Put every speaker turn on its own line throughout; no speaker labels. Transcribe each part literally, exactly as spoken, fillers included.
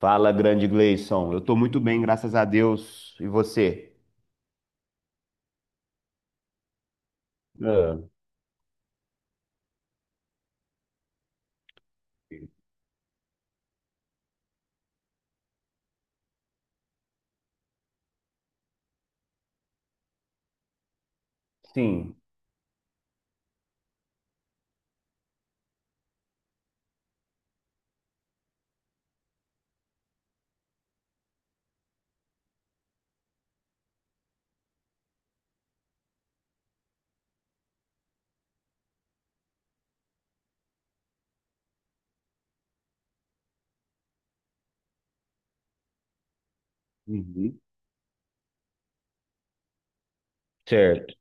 Fala, grande Gleison. Eu tô muito bem, graças a Deus. E você? Ah, sim. Uhum. Certo.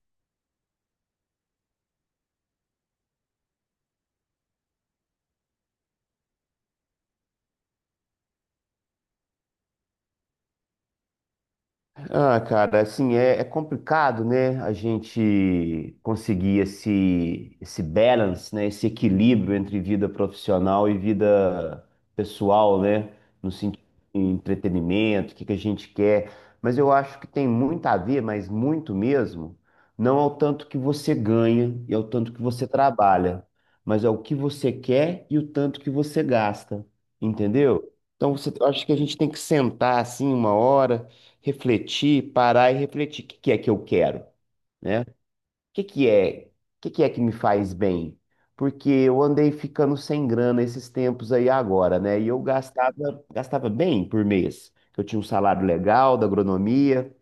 Ah, cara, assim, é, é complicado, né? A gente conseguir esse, esse balance, né? Esse equilíbrio entre vida profissional e vida pessoal, né? No sentido de entretenimento, o que que a gente quer. Mas eu acho que tem muito a ver, mas muito mesmo, não ao tanto que você ganha e ao tanto que você trabalha, mas ao que você quer e o tanto que você gasta, entendeu? Então, você, eu acho que a gente tem que sentar assim uma hora refletir, parar e refletir. O que que é que eu quero, né? O que que é, o que que é que me faz bem? Porque eu andei ficando sem grana esses tempos aí agora, né? E eu gastava, gastava bem por mês. Eu tinha um salário legal da agronomia,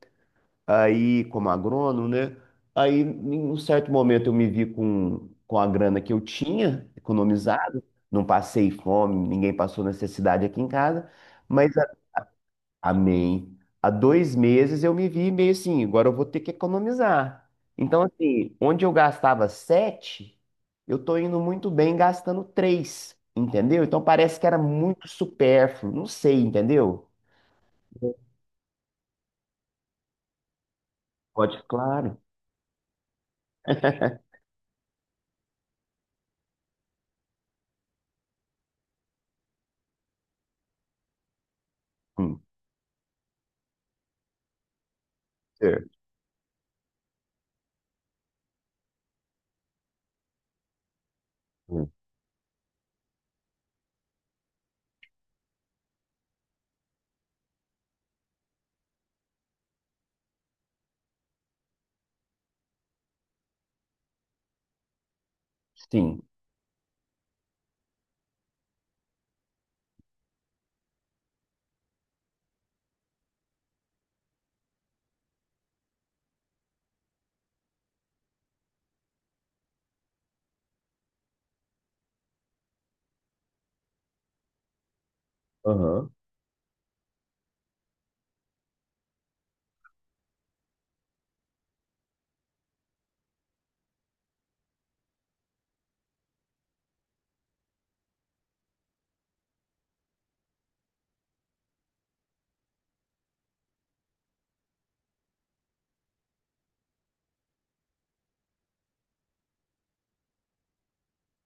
aí como agrônomo, né? Aí, em um certo momento, eu me vi com, com a grana que eu tinha economizado. Não passei fome, ninguém passou necessidade aqui em casa. Mas Amém. Há dois meses eu me vi meio assim, agora eu vou ter que economizar. Então, assim, onde eu gastava sete, eu tô indo muito bem gastando três, entendeu? Então parece que era muito supérfluo, não sei, entendeu? Pode, claro. Hum, certo. Hum, Sim. Aham.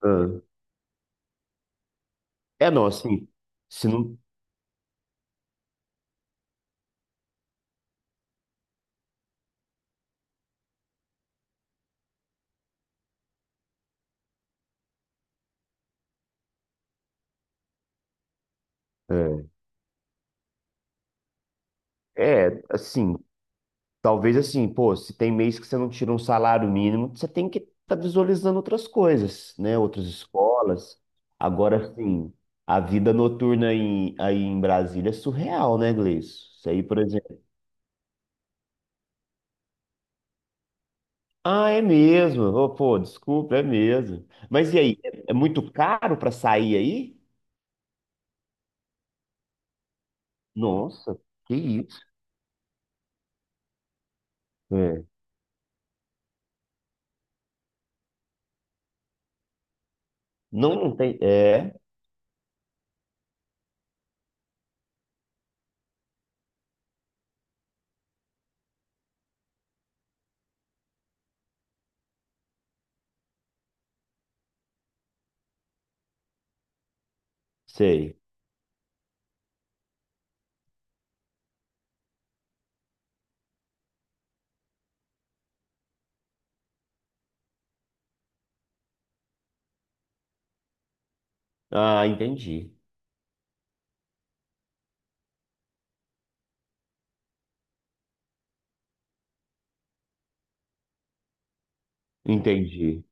Ah. É, não, assim, se não. É, é, assim, talvez assim, pô, se tem mês que você não tira um salário mínimo, você tem que estar visualizando outras coisas, né? Outras escolas. Agora, sim, a vida noturna em, aí em Brasília é surreal, né, Gleice? Isso aí, por exemplo. Ah, é mesmo? Ô, pô, desculpa, é mesmo. Mas e aí, é é muito caro para sair aí? Nossa, que isso? É. Não, não tem. É, sei. Ah, entendi. Entendi.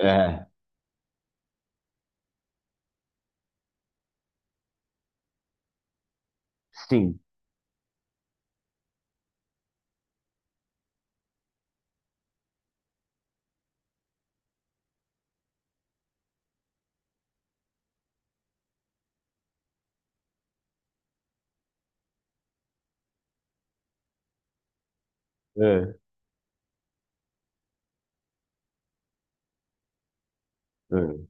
É, sim. É, é.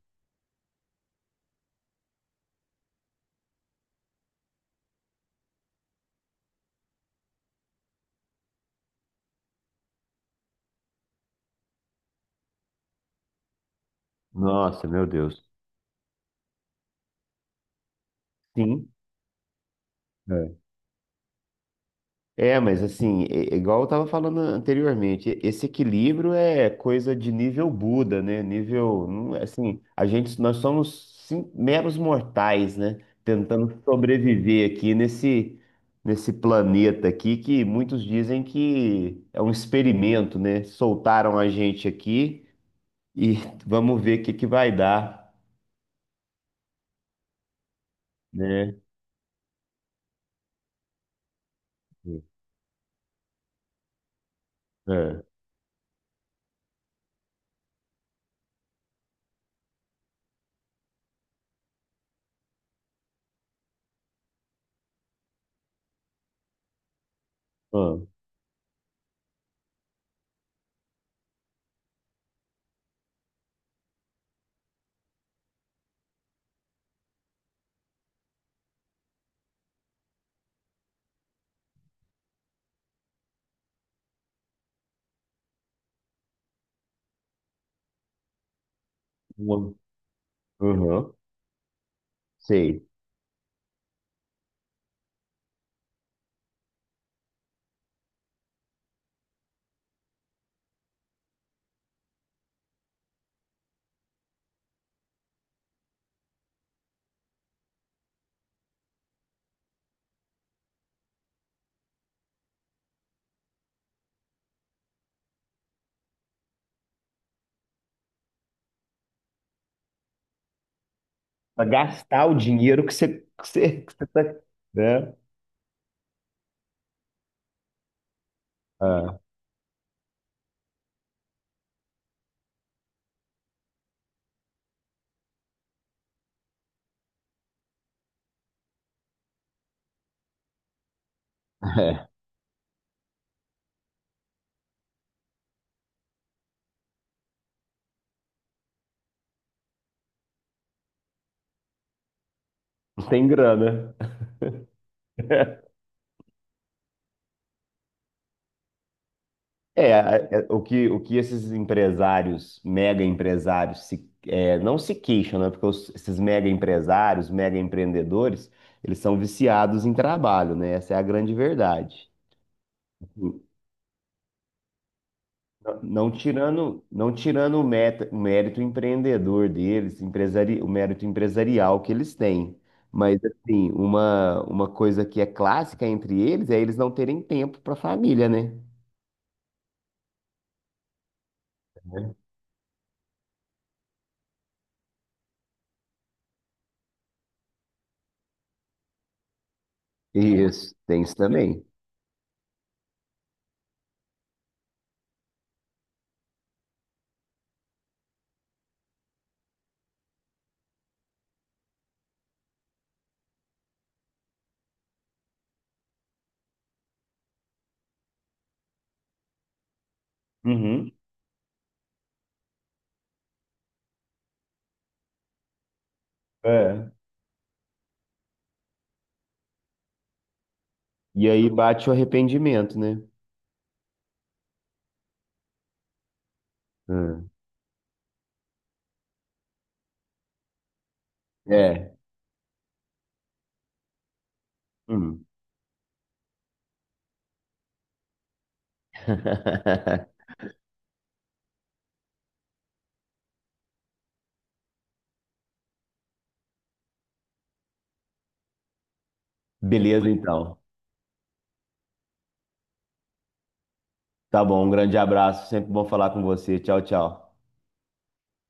Nossa, meu Deus. Sim. É, é, mas assim, é- é igual eu tava falando anteriormente, e- esse equilíbrio é coisa de nível Buda, né? Nível, não- é, assim, a gente, nós somos sim- meros mortais, né? Tentando sobreviver aqui nesse, nesse planeta aqui que muitos dizem que é um experimento, né? Soltaram a gente aqui e vamos ver o que que vai dar, né? É. É. Ah, uma- Uhum. Sei. Pra gastar o dinheiro que você, que você, que você tá, né? Ah, é. Não tem grana. É, é, é, o que, o que esses empresários, mega empresários, se, é, não se queixam, né? Porque os- esses mega empresários, mega empreendedores, eles são viciados em trabalho, né? Essa é a grande verdade. Não tirando, não tirando o meta- o mérito empreendedor deles, empresari, o mérito empresarial que eles têm. Mas, assim, uma, uma coisa que é clássica entre eles é eles não terem tempo para a família, né? Isso, tem isso também. Uhum. É. E aí bate o arrependimento, né? Hum. É. Hum. Beleza, então. Tá bom, um grande abraço. Sempre bom falar com você. Tchau, tchau.